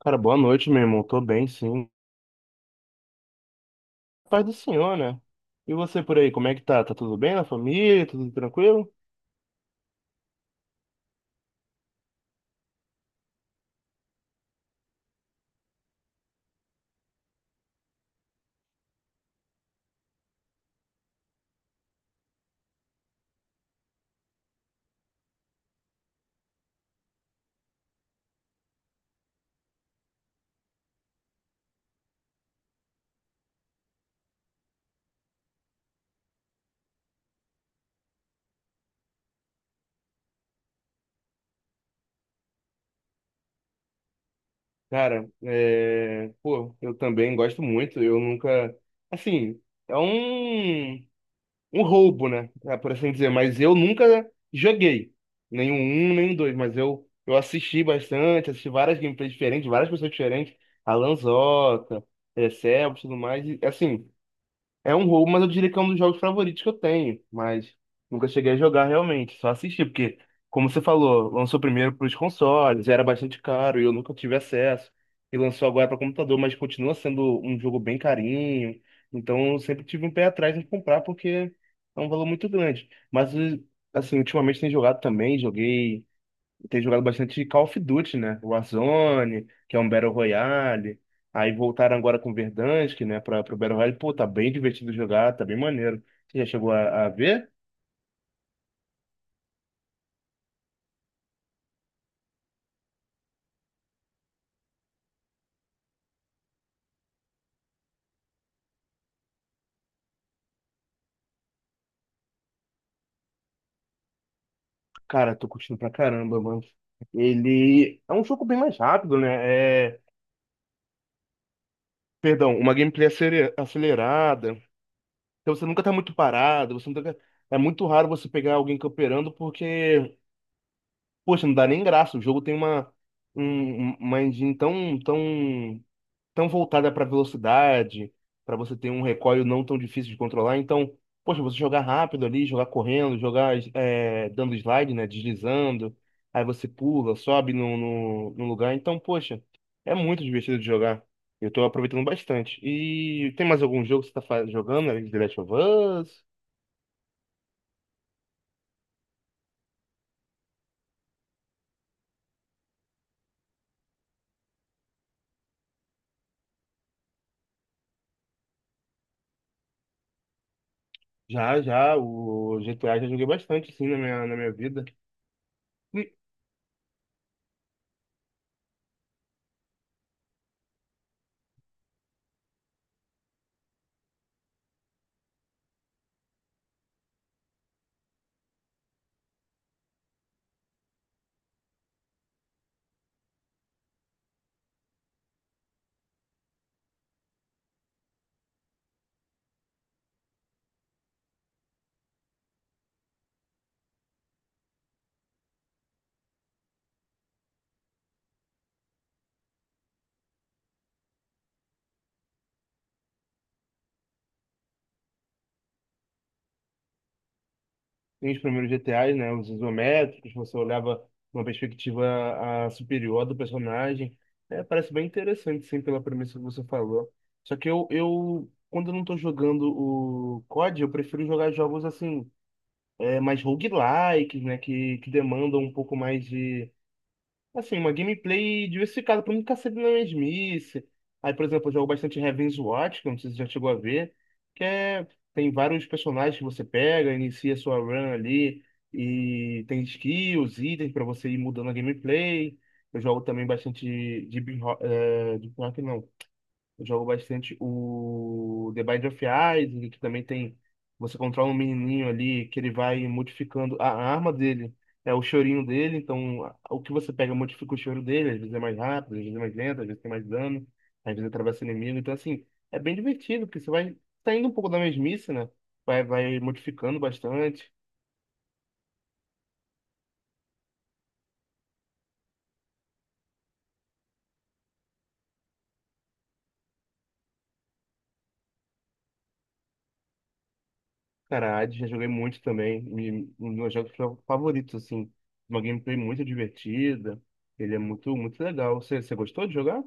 Cara, boa noite, meu irmão. Tô bem, sim. Paz do Senhor, né? E você por aí, como é que tá? Tá tudo bem na família? Tudo tranquilo? Cara, é, pô, eu também gosto muito. Eu nunca. Assim, é um roubo, né? É, por assim dizer. Mas eu nunca joguei. Nem o um, nem o dois. Mas eu assisti bastante, assisti várias gameplays diferentes, várias pessoas diferentes. Alan Zota, Sebas, tudo mais. E, assim, é um roubo, mas eu diria que é um dos jogos favoritos que eu tenho. Mas nunca cheguei a jogar realmente, só assisti, porque, como você falou, lançou primeiro para os consoles, era bastante caro e eu nunca tive acesso. E lançou agora para computador, mas continua sendo um jogo bem carinho. Então eu sempre tive um pé atrás em comprar, porque é um valor muito grande. Mas, assim, ultimamente tenho jogado também, joguei tem jogado bastante Call of Duty, né? Warzone, que é um Battle Royale. Aí voltaram agora com Verdansk, né, para pro Battle Royale. Pô, tá bem divertido jogar, tá bem maneiro. Você já chegou a ver? Cara, tô curtindo pra caramba, mano. Ele é um jogo bem mais rápido, né? É, perdão, uma gameplay acelerada. Então você nunca tá muito parado, você nunca... é muito raro você pegar alguém camperando porque, poxa, não dá nem graça. O jogo tem uma engine tão tão voltada para velocidade, para você ter um recoil não tão difícil de controlar. Então, poxa, você jogar rápido ali, jogar correndo, jogar dando slide, né, deslizando, aí você pula, sobe no lugar. Então, poxa, é muito divertido de jogar. Eu tô aproveitando bastante. E tem mais algum jogo que você tá jogando além de The Last of Us? Já, já, o GTA já joguei bastante, sim, na minha vida. Tem os primeiros GTAs, né? Os isométricos, você olhava uma perspectiva superior do personagem. É, parece bem interessante, sim, pela premissa que você falou. Só que eu quando eu não tô jogando o COD, eu prefiro jogar jogos assim, mais roguelikes, né? Que demandam um pouco mais de... assim, uma gameplay diversificada pra não ficar sempre na mesmice. Aí, por exemplo, eu jogo bastante Revenge Watch, que eu não sei se você já chegou a ver, que é... tem vários personagens que você pega, inicia sua run ali, e tem skills, itens pra você ir mudando a gameplay. Eu jogo também bastante de, de, eu jogo bastante o The Bind of Isaac, que também tem. Você controla um menininho ali que ele vai modificando a arma dele. É o chorinho dele, então o que você pega modifica o choro dele. Às vezes é mais rápido, às vezes é mais lento, às vezes tem mais dano, às vezes atravessa o inimigo. Então, assim, é bem divertido, porque você vai saindo um pouco da mesmice, né? Vai modificando bastante. Cara, Hades já joguei muito também. Um dos meus jogos favoritos, assim. Uma gameplay muito divertida. Ele é muito, muito legal. Você gostou de jogar?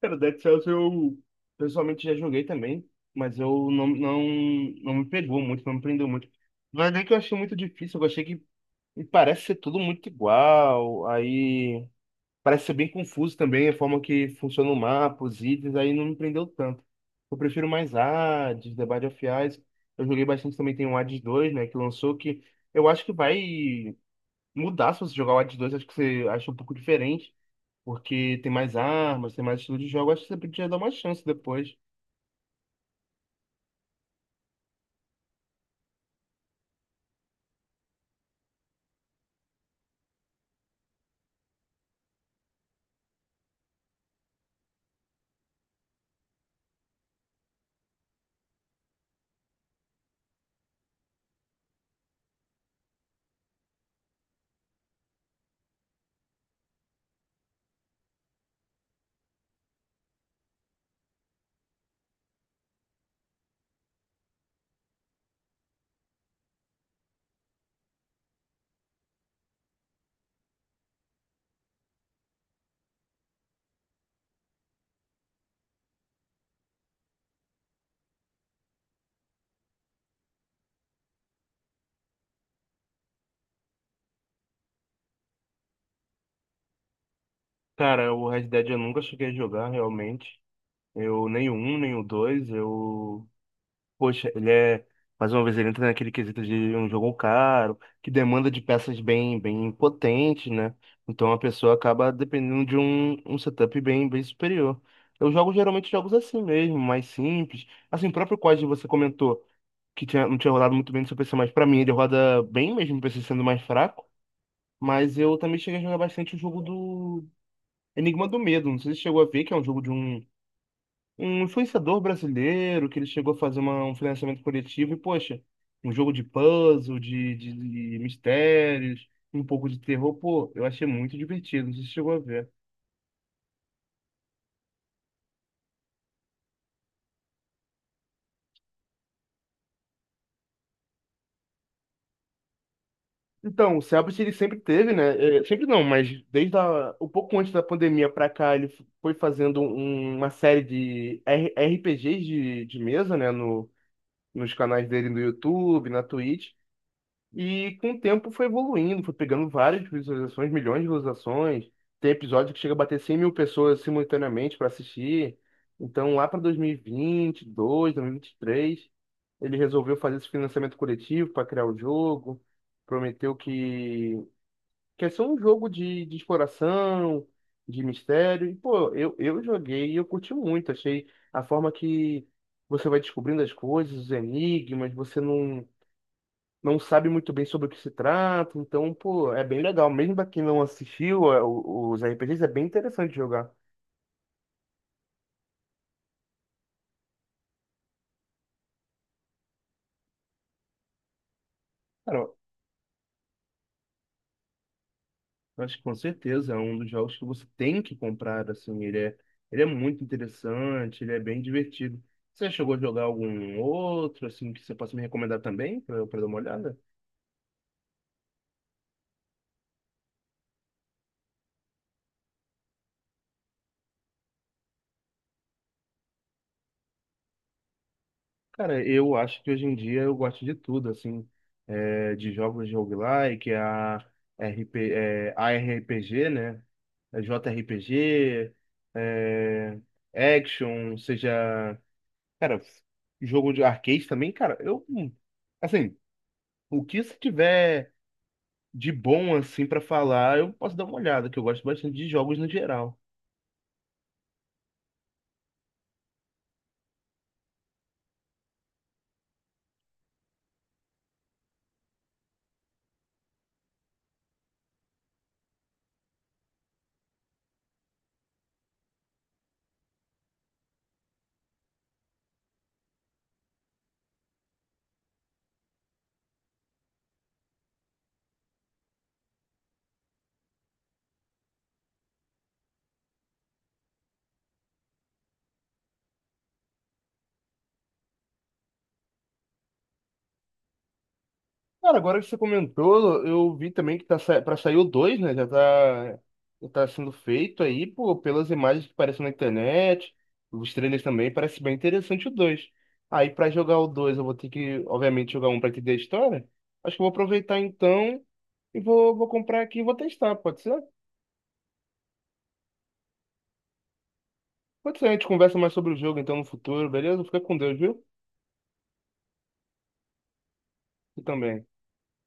Cara, Dead Cells eu pessoalmente já joguei também, mas eu não, não, não me pegou muito, não me prendeu muito. Mas é que eu achei muito difícil, eu achei que me parece ser tudo muito igual, aí parece ser bem confuso também a forma que funciona o mapa, os itens, aí não me prendeu tanto. Eu prefiro mais Hades, The Binding of Ice. Eu joguei bastante também, tem o Hades dois, né, que lançou, que eu acho que vai mudar se você jogar o Hades 2, acho que você acha um pouco diferente. Porque tem mais armas, tem mais estilo de jogo. Acho que você podia dar uma chance depois. Cara, o Red Dead eu nunca cheguei a jogar realmente. Eu nem o 1, nem o 2. Eu... poxa, ele é... mais uma vez, ele entra naquele quesito de um jogo caro, que demanda de peças bem, bem potentes, né? Então a pessoa acaba dependendo de um setup bem, bem superior. Eu jogo geralmente jogos assim mesmo, mais simples. Assim, o próprio COD você comentou que não tinha rodado muito bem no seu PC, mas pra mim ele roda bem mesmo, o PC sendo mais fraco. Mas eu também cheguei a jogar bastante o jogo do Enigma do Medo. Não sei se você chegou a ver, que é um jogo de um influenciador brasileiro, que ele chegou a fazer um financiamento coletivo. E, poxa, um jogo de puzzle, de mistérios, um pouco de terror. Pô, eu achei muito divertido. Não sei se você chegou a ver. Então, o Cellbit ele sempre teve, né? Sempre não, mas desde a, um pouco antes da pandemia pra cá, ele foi fazendo uma série de RPGs de mesa, né? No, nos canais dele no YouTube, na Twitch. E com o tempo foi evoluindo, foi pegando várias visualizações, milhões de visualizações. Tem episódio que chega a bater 100 mil pessoas simultaneamente para assistir. Então, lá para 2022, 2023, ele resolveu fazer esse financiamento coletivo para criar o jogo. Prometeu que é só um jogo de exploração, de mistério. E, pô, eu joguei e eu curti muito. Achei a forma que você vai descobrindo as coisas, os enigmas, você não sabe muito bem sobre o que se trata, então, pô, é bem legal. Mesmo pra quem não assistiu o- os RPGs, é bem interessante jogar. Cara, eu acho que com certeza é um dos jogos que você tem que comprar, assim, ele é muito interessante, ele é bem divertido. Você chegou a jogar algum outro, assim, que você possa me recomendar também, pra eu dar uma olhada? Cara, eu acho que hoje em dia eu gosto de tudo, assim, de jogos de roguelike, a RP, é, ARPG, né? É, JRPG, é, action, seja, cara, jogo de arcade também, cara, assim, o que se tiver de bom, assim, pra falar, eu posso dar uma olhada, que eu gosto bastante de jogos no geral. Cara, agora que você comentou, eu vi também que tá sa... para sair o dois, né? Já tá sendo feito aí, pô, pelas imagens que aparecem na internet, os trailers também, parece bem interessante o dois. Aí pra jogar o 2 eu vou ter que, obviamente, jogar um pra entender a história. Acho que eu vou aproveitar então vou comprar aqui e vou testar, pode ser? Pode ser, a gente conversa mais sobre o jogo então no futuro, beleza? Fica com Deus, viu? E também.